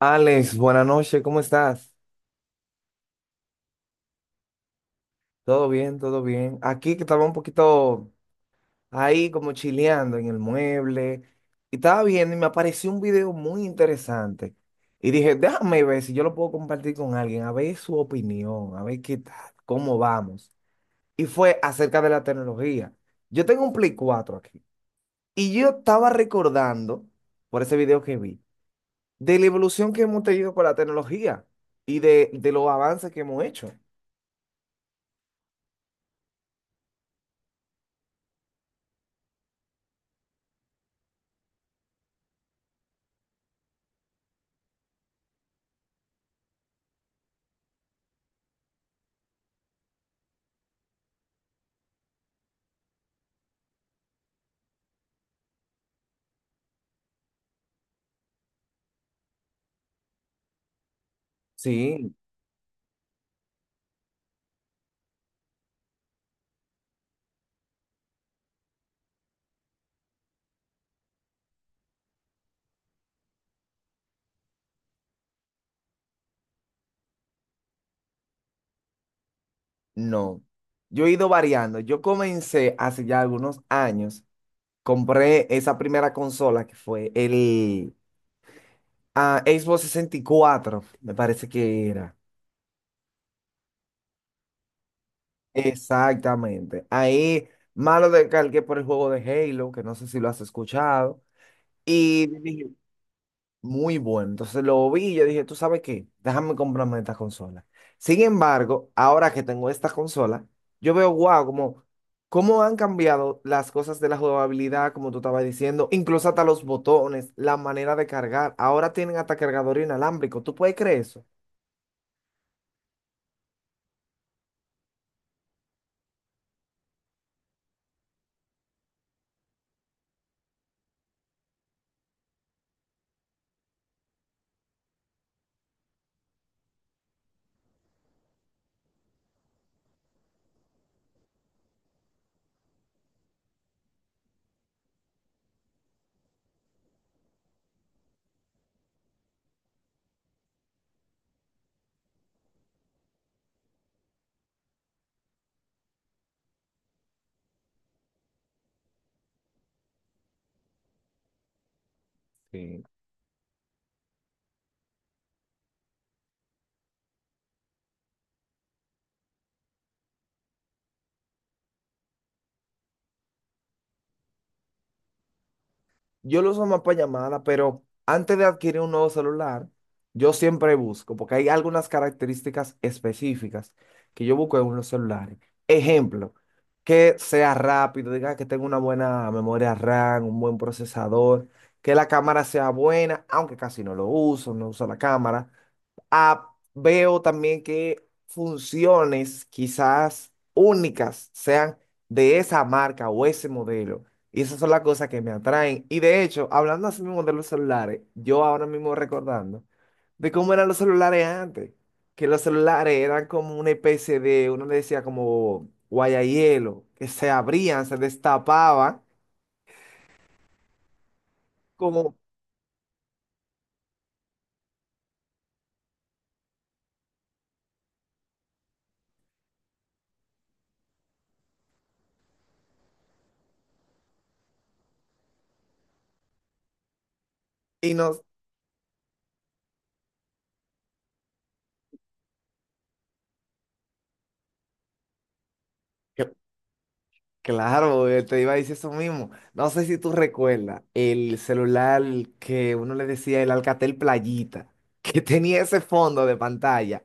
Alex, buenas noches, ¿cómo estás? Todo bien, todo bien. Aquí que estaba un poquito ahí como chileando en el mueble y estaba viendo y me apareció un video muy interesante. Y dije, déjame ver si yo lo puedo compartir con alguien, a ver su opinión, a ver qué tal, cómo vamos. Y fue acerca de la tecnología. Yo tengo un Play 4 aquí y yo estaba recordando, por ese video que vi, de la evolución que hemos tenido con la tecnología y de los avances que hemos hecho. Sí. No, yo he ido variando. Yo comencé hace ya algunos años, compré esa primera consola que fue el Xbox 64, me parece que era. Exactamente. Ahí malo descargué por el juego de Halo, que no sé si lo has escuchado. Y dije, muy bueno. Entonces lo vi y yo dije, ¿tú sabes qué? Déjame comprarme esta consola. Sin embargo, ahora que tengo esta consola, yo veo, wow, como cómo han cambiado las cosas de la jugabilidad, como tú estabas diciendo, incluso hasta los botones, la manera de cargar. Ahora tienen hasta cargador inalámbrico. ¿Tú puedes creer eso? Sí. Yo lo uso más para llamadas, pero antes de adquirir un nuevo celular, yo siempre busco, porque hay algunas características específicas que yo busco en unos celulares. Ejemplo, que sea rápido, diga que tenga una buena memoria RAM, un buen procesador, que la cámara sea buena, aunque casi no lo uso, no uso la cámara. Veo también que funciones quizás únicas sean de esa marca o ese modelo. Y esas son las cosas que me atraen. Y de hecho, hablando así mismo de los celulares, yo ahora mismo recordando de cómo eran los celulares antes. Que los celulares eran como una especie de, uno le decía como guayahielo, que se abrían, se destapaban, como, y nos, claro, te iba a decir eso mismo. No sé si tú recuerdas el celular que uno le decía el Alcatel Playita, que tenía ese fondo de pantalla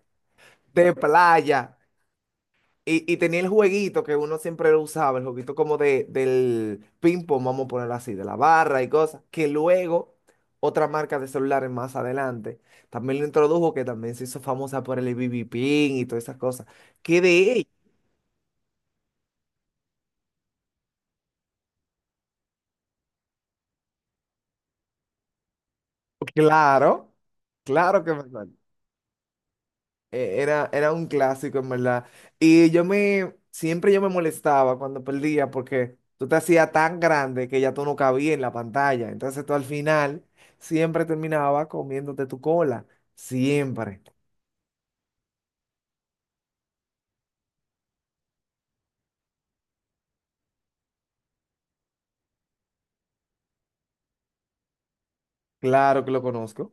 de playa y tenía el jueguito que uno siempre lo usaba, el jueguito como de, del ping-pong, vamos a ponerlo así, de la barra y cosas, que luego otra marca de celulares más adelante también lo introdujo, que también se hizo famosa por el BB Pin y todas esas cosas. Que de hecho, claro, claro que me acuerdo. Era un clásico, en verdad. Y yo siempre yo me molestaba cuando perdía porque tú te hacías tan grande que ya tú no cabías en la pantalla. Entonces tú al final siempre terminabas comiéndote tu cola. Siempre. Claro que lo conozco.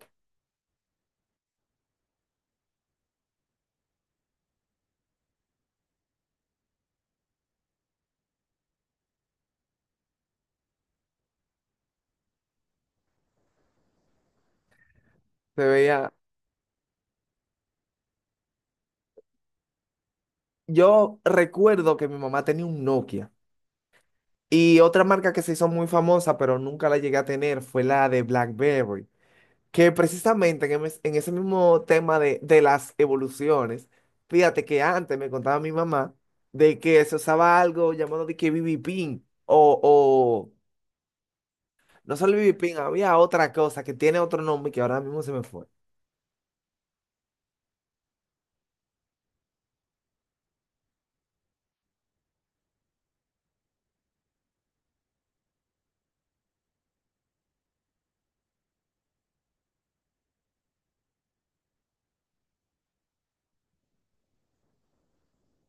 Se veía. Yo recuerdo que mi mamá tenía un Nokia. Y otra marca que se hizo muy famosa, pero nunca la llegué a tener, fue la de BlackBerry. Que precisamente en, en ese mismo tema de las evoluciones, fíjate que antes me contaba mi mamá de que se usaba algo llamado de que BB Pin o no solo BB Pin, había otra cosa que tiene otro nombre que ahora mismo se me fue.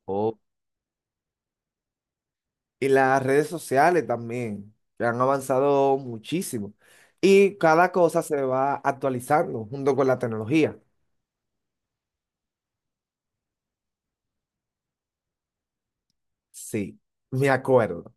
Oh, Y las redes sociales también, que han avanzado muchísimo. Y cada cosa se va actualizando junto con la tecnología. Sí, me acuerdo.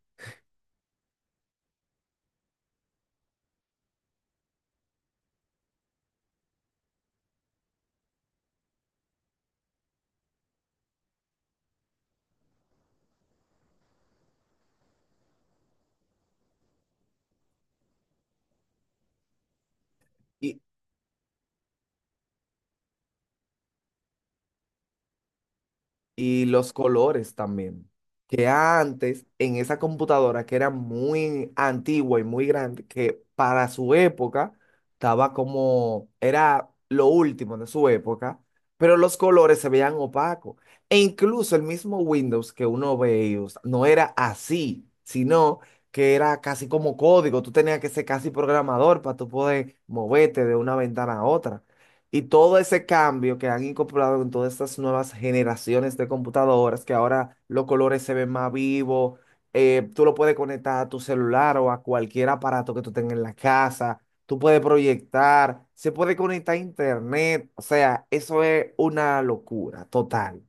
Y los colores también. Que antes, en esa computadora que era muy antigua y muy grande, que para su época estaba como, era lo último de su época, pero los colores se veían opacos. E incluso el mismo Windows que uno ve y usa, no era así, sino que era casi como código. Tú tenías que ser casi programador para tú poder moverte de una ventana a otra. Y todo ese cambio que han incorporado en todas estas nuevas generaciones de computadoras, que ahora los colores se ven más vivos, tú lo puedes conectar a tu celular o a cualquier aparato que tú tengas en la casa, tú puedes proyectar, se puede conectar a internet, o sea, eso es una locura total.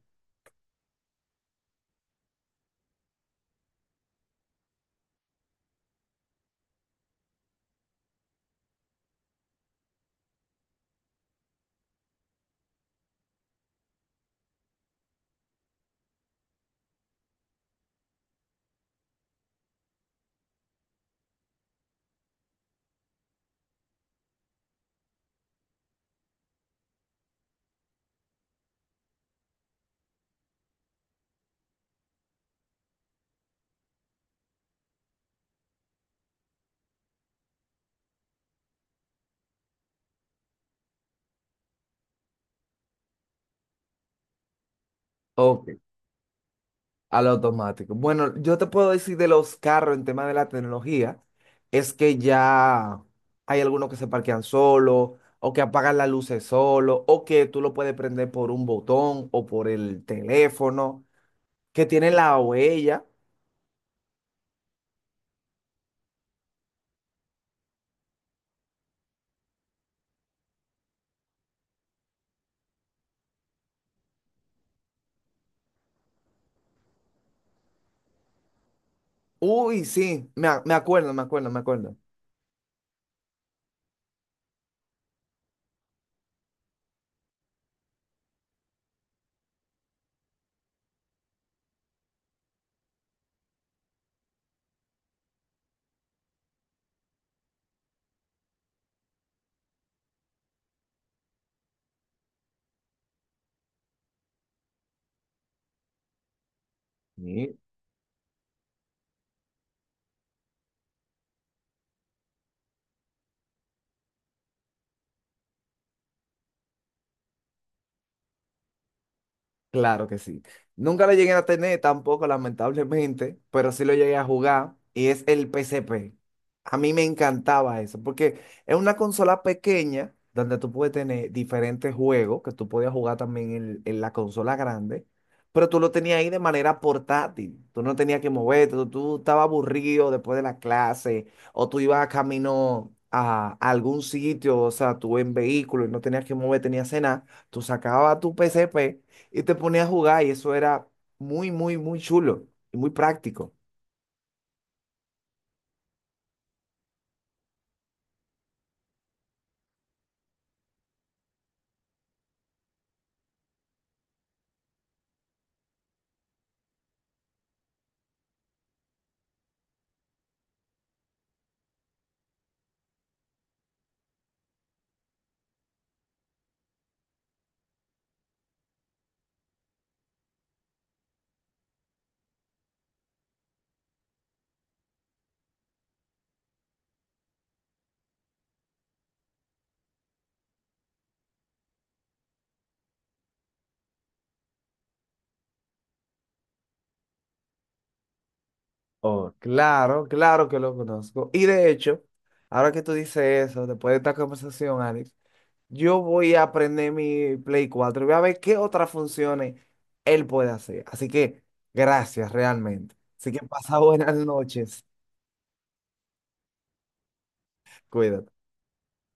Ok. A lo automático. Bueno, yo te puedo decir de los carros en tema de la tecnología, es que ya hay algunos que se parquean solo, o que apagan las luces solo, o que tú lo puedes prender por un botón o por el teléfono, que tienen la huella. Uy, sí, me, me acuerdo, me acuerdo, me acuerdo. Sí. Claro que sí. Nunca lo llegué a tener tampoco, lamentablemente, pero sí lo llegué a jugar y es el PCP. A mí me encantaba eso, porque es una consola pequeña donde tú puedes tener diferentes juegos que tú podías jugar también en la consola grande, pero tú lo tenías ahí de manera portátil. Tú no tenías que moverte, tú estabas aburrido después de la clase o tú ibas a camino a, algún sitio, o sea, tú en vehículo y no tenías que moverte ni hacer nada. Tú sacabas tu PCP y te ponías a jugar y eso era muy, muy, muy chulo y muy práctico. Oh, claro, claro que lo conozco. Y de hecho, ahora que tú dices eso, después de esta conversación, Alex, yo voy a aprender mi Play 4 y voy a ver qué otras funciones él puede hacer. Así que gracias realmente. Así que pasa buenas noches. Cuídate.